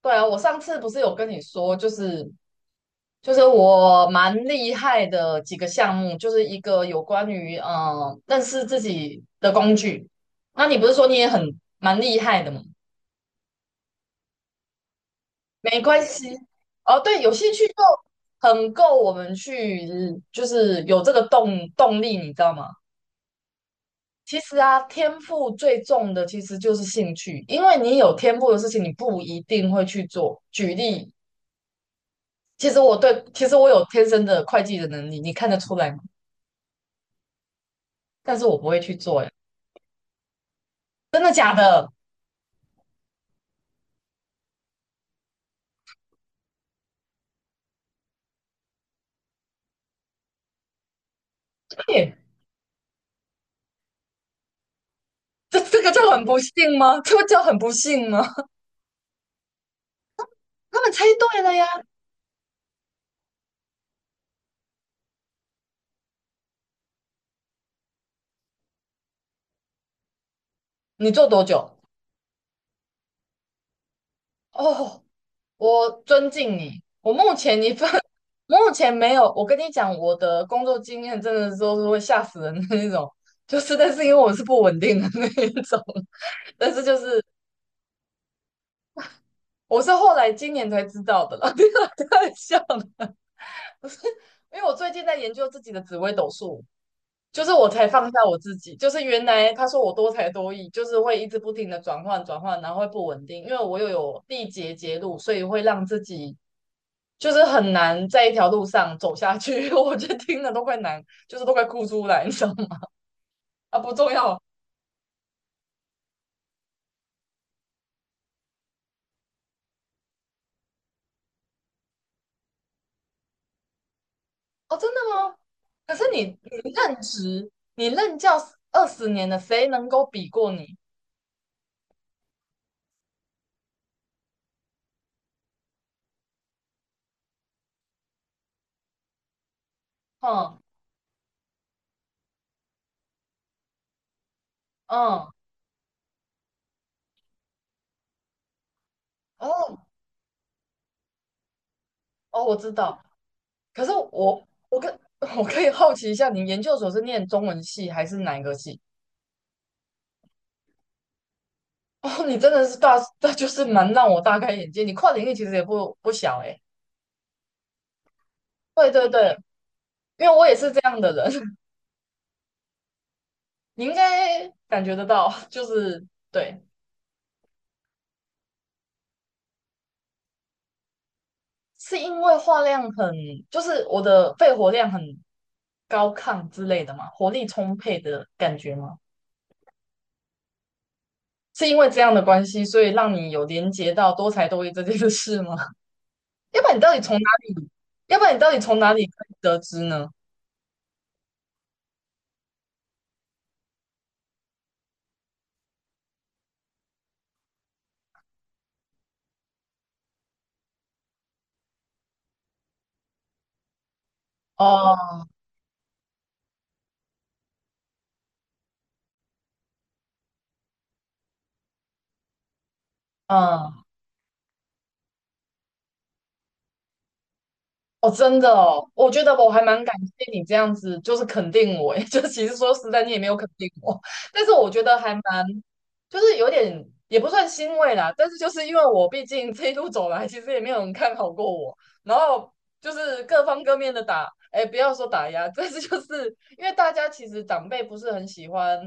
对啊，我上次不是有跟你说，就是我蛮厉害的几个项目，就是一个有关于认识自己的工具。那你不是说你也很蛮厉害的吗？没关系，哦，对，有兴趣就很够我们去，就是有这个动力，你知道吗？其实啊，天赋最重的其实就是兴趣，因为你有天赋的事情，你不一定会去做。举例，其实我有天生的会计的能力，你看得出来吗？但是我不会去做，呀，真的假的？嘿，这个就很不幸吗？这不就很不幸吗？他们猜对了呀！你做多久？哦，我尊敬你。我目前一份，目前没有。我跟你讲，我的工作经验真的都是会吓死人的那种，就是但是因为我是不稳定的那一种，但是就是我是后来今年才知道的啦，太笑了，因为我最近在研究自己的紫微斗数，就是我才放下我自己，就是原来他说我多才多艺，就是会一直不停的转换转换，然后会不稳定，因为我又有地结节路，所以会让自己就是很难在一条路上走下去。我就听了都快难，就是都快哭出来，你知道吗？啊，不重要。哦，真的吗？可是你任教20年了，谁能够比过你？嗯嗯，哦哦，我知道。可是我我跟 我可以好奇一下，你研究所是念中文系还是哪一个系？哦，你真的是大，那就是蛮让我大开眼界。你跨领域其实也不小诶。对对对，因为我也是这样的人，你应该感觉得到，就是对，是因为话量很，就是我的肺活量很高亢之类的嘛，活力充沛的感觉吗？是因为这样的关系，所以让你有连接到多才多艺这件事吗？要不然你到底从哪里？要不然你到底从哪里可以得知呢？哦，嗯。哦，真的哦，我觉得我还蛮感谢你这样子，就是肯定我诶，就其实说实在，你也没有肯定我，但是我觉得还蛮，就是有点也不算欣慰啦，但是就是因为我毕竟这一路走来，其实也没有人看好过我，然后就是各方各面的打，哎，不要说打压，但是就是因为大家其实长辈不是很喜欢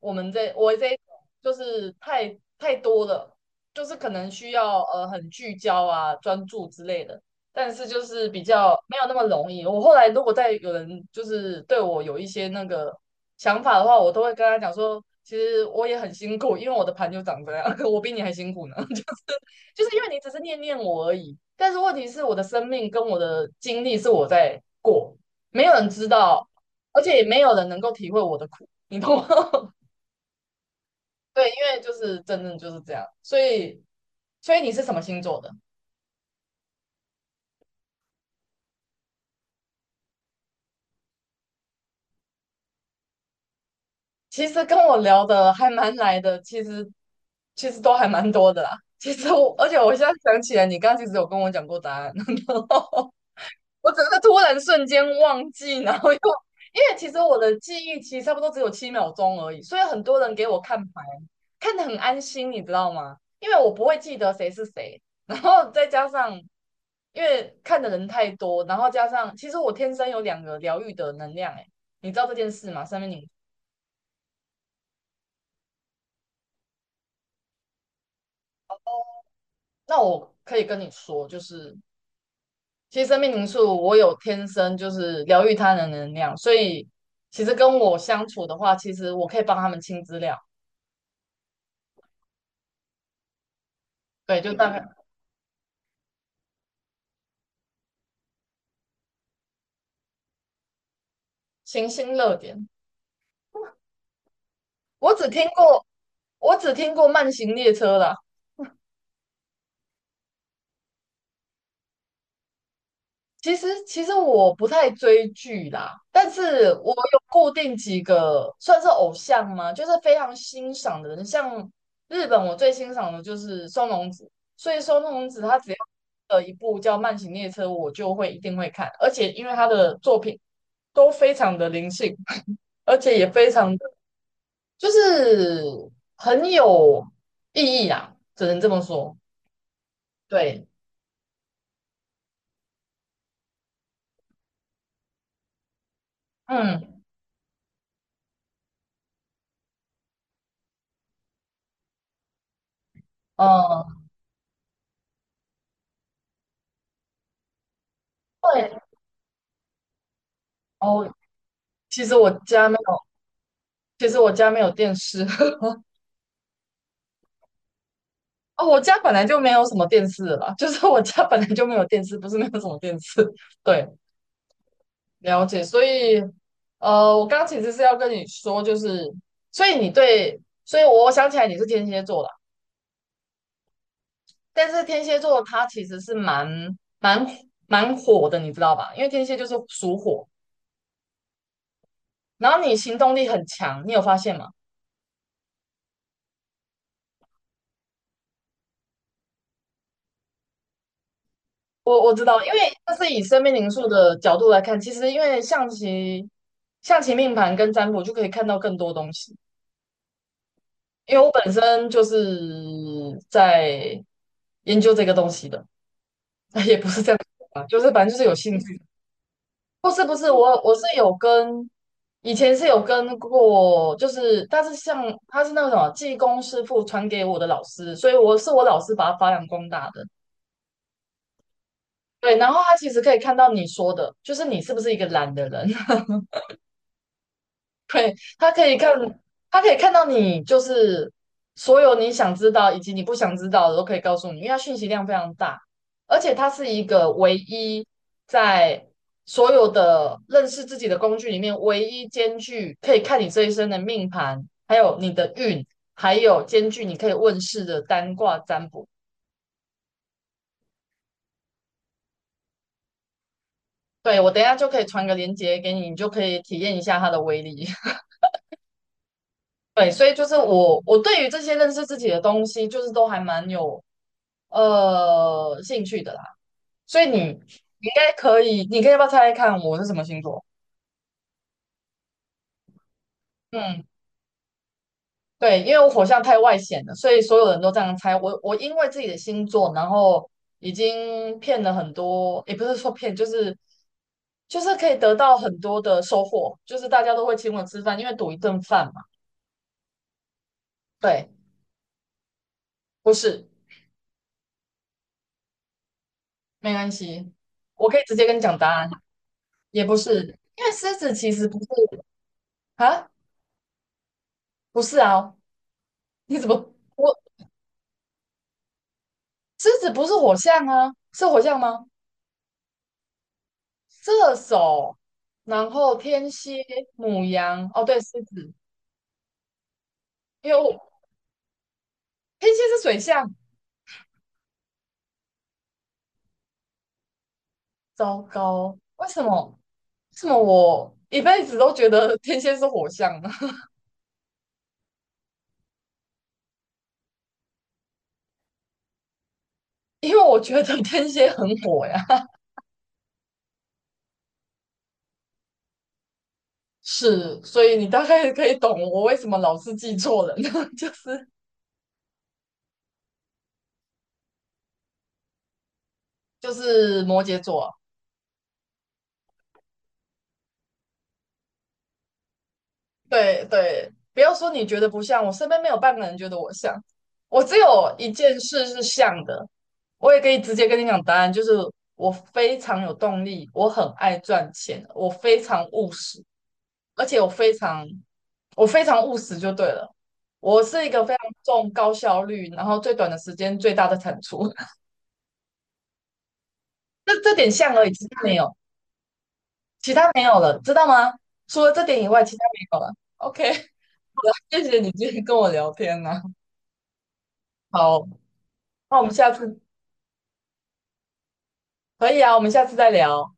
我这一种，就是太多了，就是可能需要很聚焦啊、专注之类的。但是就是比较没有那么容易。我后来如果再有人就是对我有一些那个想法的话，我都会跟他讲说，其实我也很辛苦，因为我的盘就长这样，我比你还辛苦呢。就是因为你只是念念我而已，但是问题是我的生命跟我的经历是我在过，没有人知道，而且也没有人能够体会我的苦，你懂吗？对，因为就是真正就是这样，所以你是什么星座的？其实跟我聊的还蛮来的，其实都还蛮多的啦。其实我，而且我现在想起来，你刚刚其实有跟我讲过答案，然后我只是突然瞬间忘记，然后又因为其实我的记忆其实差不多只有7秒钟而已，所以很多人给我看牌，看得很安心，你知道吗？因为我不会记得谁是谁，然后再加上因为看的人太多，然后加上其实我天生有两个疗愈的能量，哎，你知道这件事吗？上面你。那我可以跟你说，就是其实生命灵数我有天生就是疗愈他人的能量，所以其实跟我相处的话，其实我可以帮他们清资料，对，就大概行星热点。我只听过，我只听过慢行列车啦，其实我不太追剧啦，但是我有固定几个算是偶像吗？就是非常欣赏的人，像日本我最欣赏的就是松隆子，所以松隆子他只要一部叫《慢行列车》，我就会一定会看，而且因为他的作品都非常的灵性，而且也非常的就是很有意义啊，只能这么说。对，嗯嗯，对哦，其实我家。其实我家没有电视。 哦，我家本来就没有什么电视了，就是我家本来就没有电视，不是没有什么电视。对，了解。所以，我刚刚其实是要跟你说，就是所以你对，所以我想起来你是天蝎座啦，但是天蝎座它其实是蛮蛮火的，你知道吧？因为天蝎就是属火，然后你行动力很强，你有发现吗？我知道，因为这是以生命灵数的角度来看，其实因为象棋命盘跟占卜就可以看到更多东西。因为我本身就是在研究这个东西的，也不是这样说吧，就是反正就是有兴趣。不是不是，我是有跟，以前是有跟过，就是但是像他是那个什么技工师傅传给我的老师，所以我是我老师把他发扬光大的。对，然后他其实可以看到你说的，就是你是不是一个懒的人。对，他可以看，到你就是所有你想知道以及你不想知道的都可以告诉你，因为它讯息量非常大，而且它是一个唯一在所有的认识自己的工具里面唯一兼具可以看你这一生的命盘，还有你的运，还有兼具你可以问世的单卦占卜。对，我等一下就可以传个链接给你，你就可以体验一下它的威力。对，所以就是我对于这些认识自己的东西，就是都还蛮有兴趣的啦，所以你应该可以，你可以要不要猜猜看我是什么星座？嗯，对，因为我火象太外显了，所以所有人都这样猜。我因为自己的星座，然后已经骗了很多，也不是说骗，就是可以得到很多的收获，就是大家都会请我吃饭，因为赌一顿饭嘛。对，不是，没关系，我可以直接跟你讲答案，也不是，因为狮子其实不是啊，不是啊，你怎么？我？狮子不是火象啊，是火象吗？射手，然后天蝎、母羊，哦，对，狮子，因为我天蝎是水象，糟糕，为什么？为什么我一辈子都觉得天蝎是火象呢？因为我觉得天蝎很火呀，是，所以你大概可以懂我为什么老是记错人，就是就是摩羯座啊。对对，不要说你觉得不像，我身边没有半个人觉得我像，我只有一件事是像的，我也可以直接跟你讲答案，就是我非常有动力，我很爱赚钱，我非常务实，而且我非常务实就对了，我是一个非常重高效率，然后最短的时间最大的产出，这点像而已，其他没有，其他没有了，知道吗？除了这点以外，其他没有了。OK,谢谢你今天跟我聊天呢。好。那我们下次可以啊，我们下次再聊。